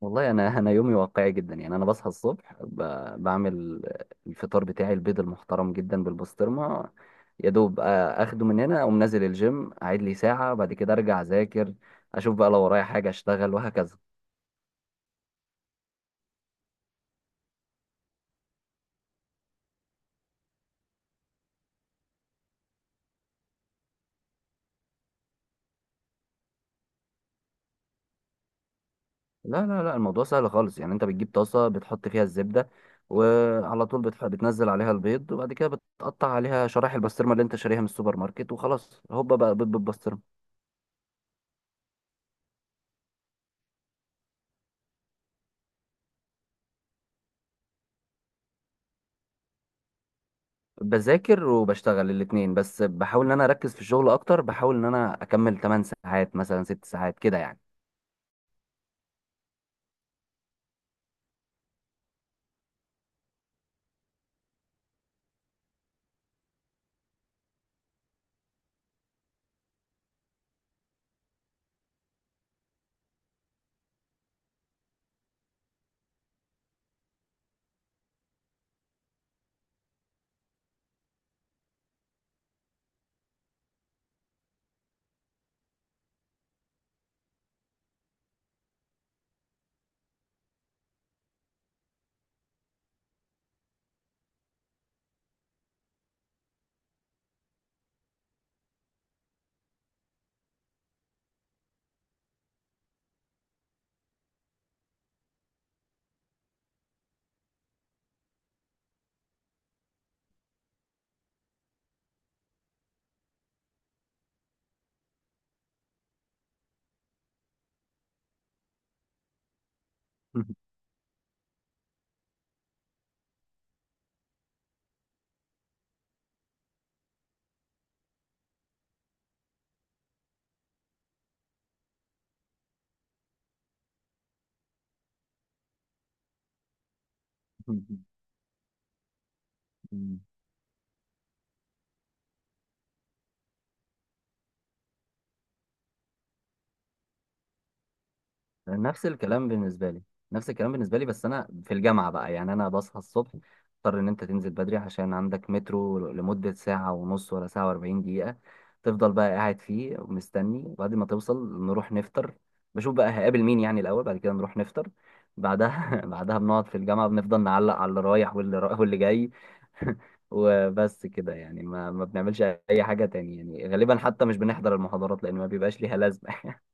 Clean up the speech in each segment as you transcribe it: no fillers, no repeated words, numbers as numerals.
والله انا يومي واقعي جدا، يعني انا بصحى الصبح بعمل الفطار بتاعي، البيض المحترم جدا بالبسطرمه. يا دوب اخده من هنا، اقوم نازل الجيم، اعيد لي ساعه، بعد كده ارجع اذاكر، اشوف بقى لو ورايا حاجه اشتغل وهكذا. لا لا لا، الموضوع سهل خالص، يعني انت بتجيب طاسه، بتحط فيها الزبده، وعلى طول بتنزل عليها البيض، وبعد كده بتقطع عليها شرايح البسطرمه اللي انت شاريها من السوبر ماركت، وخلاص هوبا بقى بيض بالبسطرمه. بذاكر وبشتغل الاتنين، بس بحاول ان انا اركز في الشغل اكتر، بحاول ان انا اكمل 8 ساعات، مثلا 6 ساعات كده يعني. نفس الكلام بالنسبه لي. نفس الكلام بالنسبه لي، بس انا في الجامعه بقى. يعني انا بصحى الصبح، اضطر ان انت تنزل بدري عشان عندك مترو لمده ساعه ونص، ولا ساعه و40 دقيقه، تفضل بقى قاعد فيه ومستني. وبعد ما توصل نروح نفطر، بشوف بقى هقابل مين يعني الاول، بعد كده نروح نفطر. بعدها بعدها بنقعد في الجامعه، بنفضل نعلق على اللي رايح واللي واللي جاي. وبس كده، يعني ما بنعملش اي حاجه تاني، يعني غالبا حتى مش بنحضر المحاضرات لان ما بيبقاش ليها لازمه.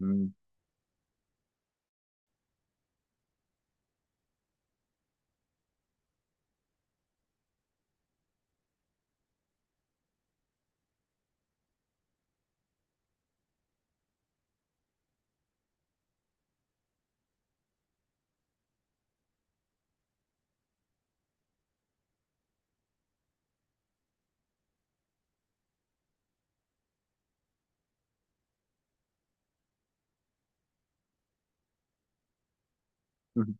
مم.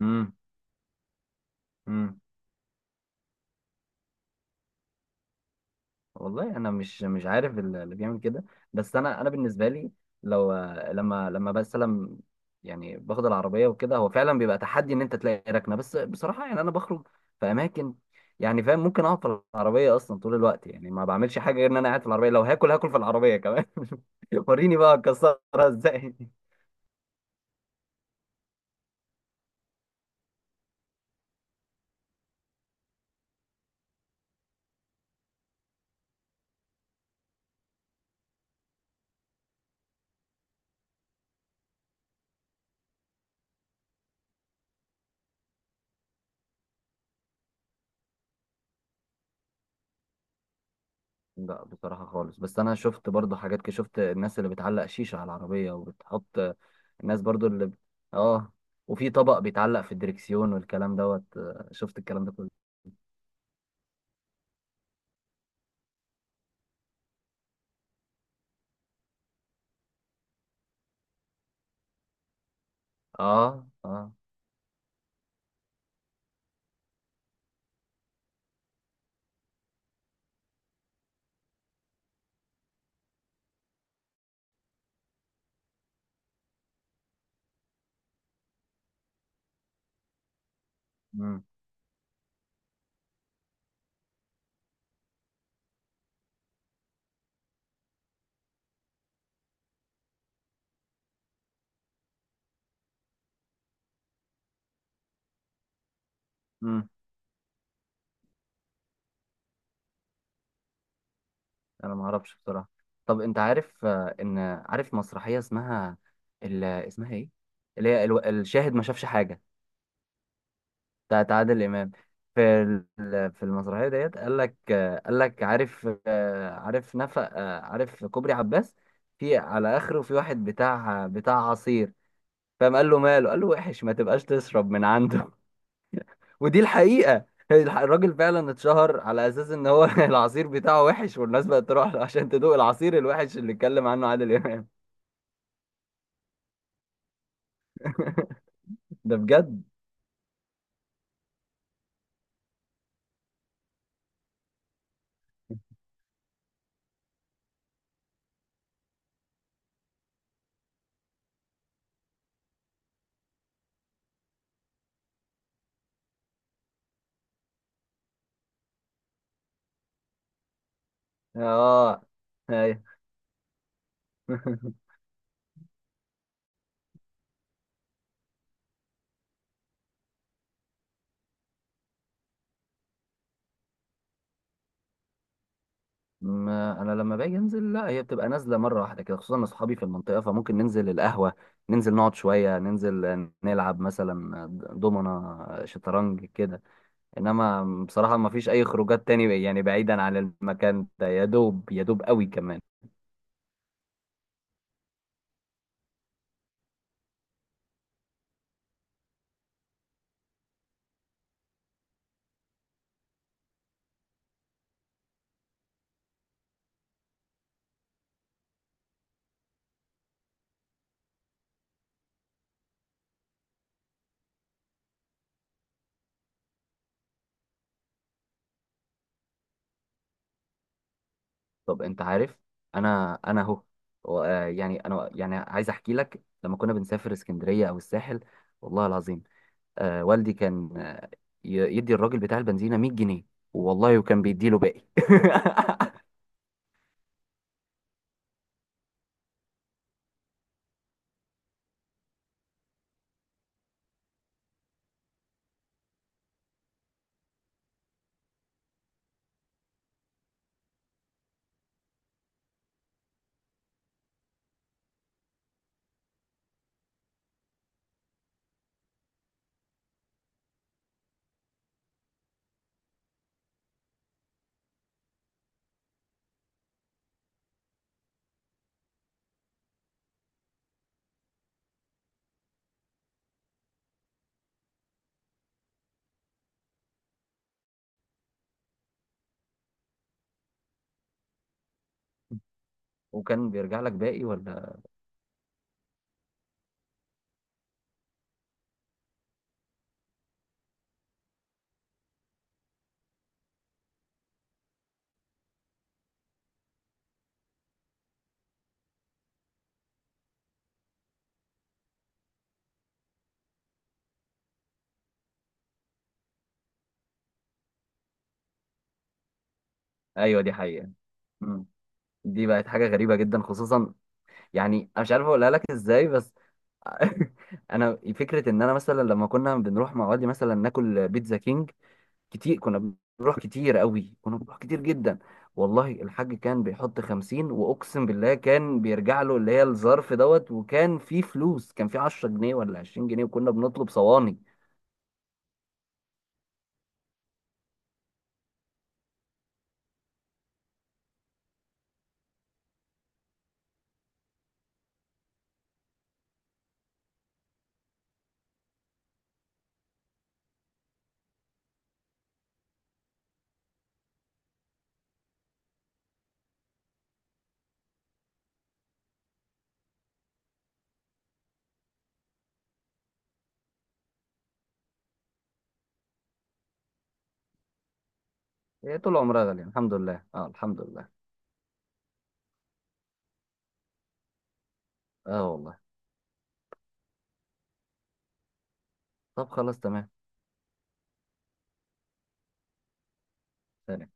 مم. امم والله انا مش عارف اللي بيعمل كده. بس انا بالنسبه لي، لو لما لما بسلم، يعني باخد العربيه وكده، هو فعلا بيبقى تحدي ان انت تلاقي ركنه. بس بصراحه يعني انا بخرج في اماكن، يعني فاهم، ممكن اقعد في العربيه اصلا طول الوقت، يعني ما بعملش حاجه غير ان انا قاعد في العربيه، لو هاكل في العربيه كمان. وريني بقى اكسرها ازاي. لا بصراحة خالص، بس أنا شفت برضو حاجات كده. شفت الناس اللي بتعلق شيشة على العربية وبتحط، الناس برضو اه، وفي طبق بيتعلق في الدركسيون والكلام دوت. شفت الكلام ده كله. اه، اه. امم امم أنا ما أعرفش بصراحة. طب أنت عارف إن عارف مسرحية اسمها، اسمها إيه؟ اللي هي الشاهد ما شافش حاجة، بتاعت عادل امام. في في المسرحيه ديت، قال لك، قال لك عارف عارف نفق، عارف كوبري عباس، في على اخره في واحد بتاع عصير. فقام قال له ماله، قال له وحش، ما تبقاش تشرب من عنده. ودي الحقيقه. الراجل فعلا اتشهر على اساس ان هو العصير بتاعه وحش، والناس بقت تروح له عشان تدوق العصير الوحش اللي اتكلم عنه عادل امام. ده بجد. اه. ايوه. ما انا لما باجي انزل، لا، هي بتبقى نازله مره واحده كده، خصوصا ان اصحابي في المنطقه، فممكن ننزل القهوه، ننزل نقعد شويه، ننزل نلعب مثلا دومنا شطرنج كده. انما بصراحه ما فيش اي خروجات تاني، يعني بعيدا عن المكان ده، يا دوب يا دوب قوي كمان. طب انت عارف، انا اهو، يعني انا، يعني عايز احكي لك لما كنا بنسافر اسكندريه او الساحل، والله العظيم، والدي كان يدي الراجل بتاع البنزينة 100 جنيه، والله، وكان بيديله باقي. وكان بيرجع لك باقي ولا؟ ايوه، دي حقيقة. مم. دي بقت حاجة غريبة جدا، خصوصا يعني انا مش عارف اقولها لك ازاي، بس انا فكرة ان انا مثلا لما كنا بنروح مع والدي مثلا ناكل بيتزا كينج، كتير كنا بنروح، كتير قوي كنا بنروح كتير جدا. والله الحاج كان بيحط 50 واقسم بالله كان بيرجع له اللي هي الظرف دوت، وكان فيه فلوس، كان فيه 10 جنيه ولا 20 جنيه، وكنا بنطلب صواني. هي طول عمرها غالية، الحمد لله، اه، الحمد لله، اه والله. طب خلاص تمام. سلام.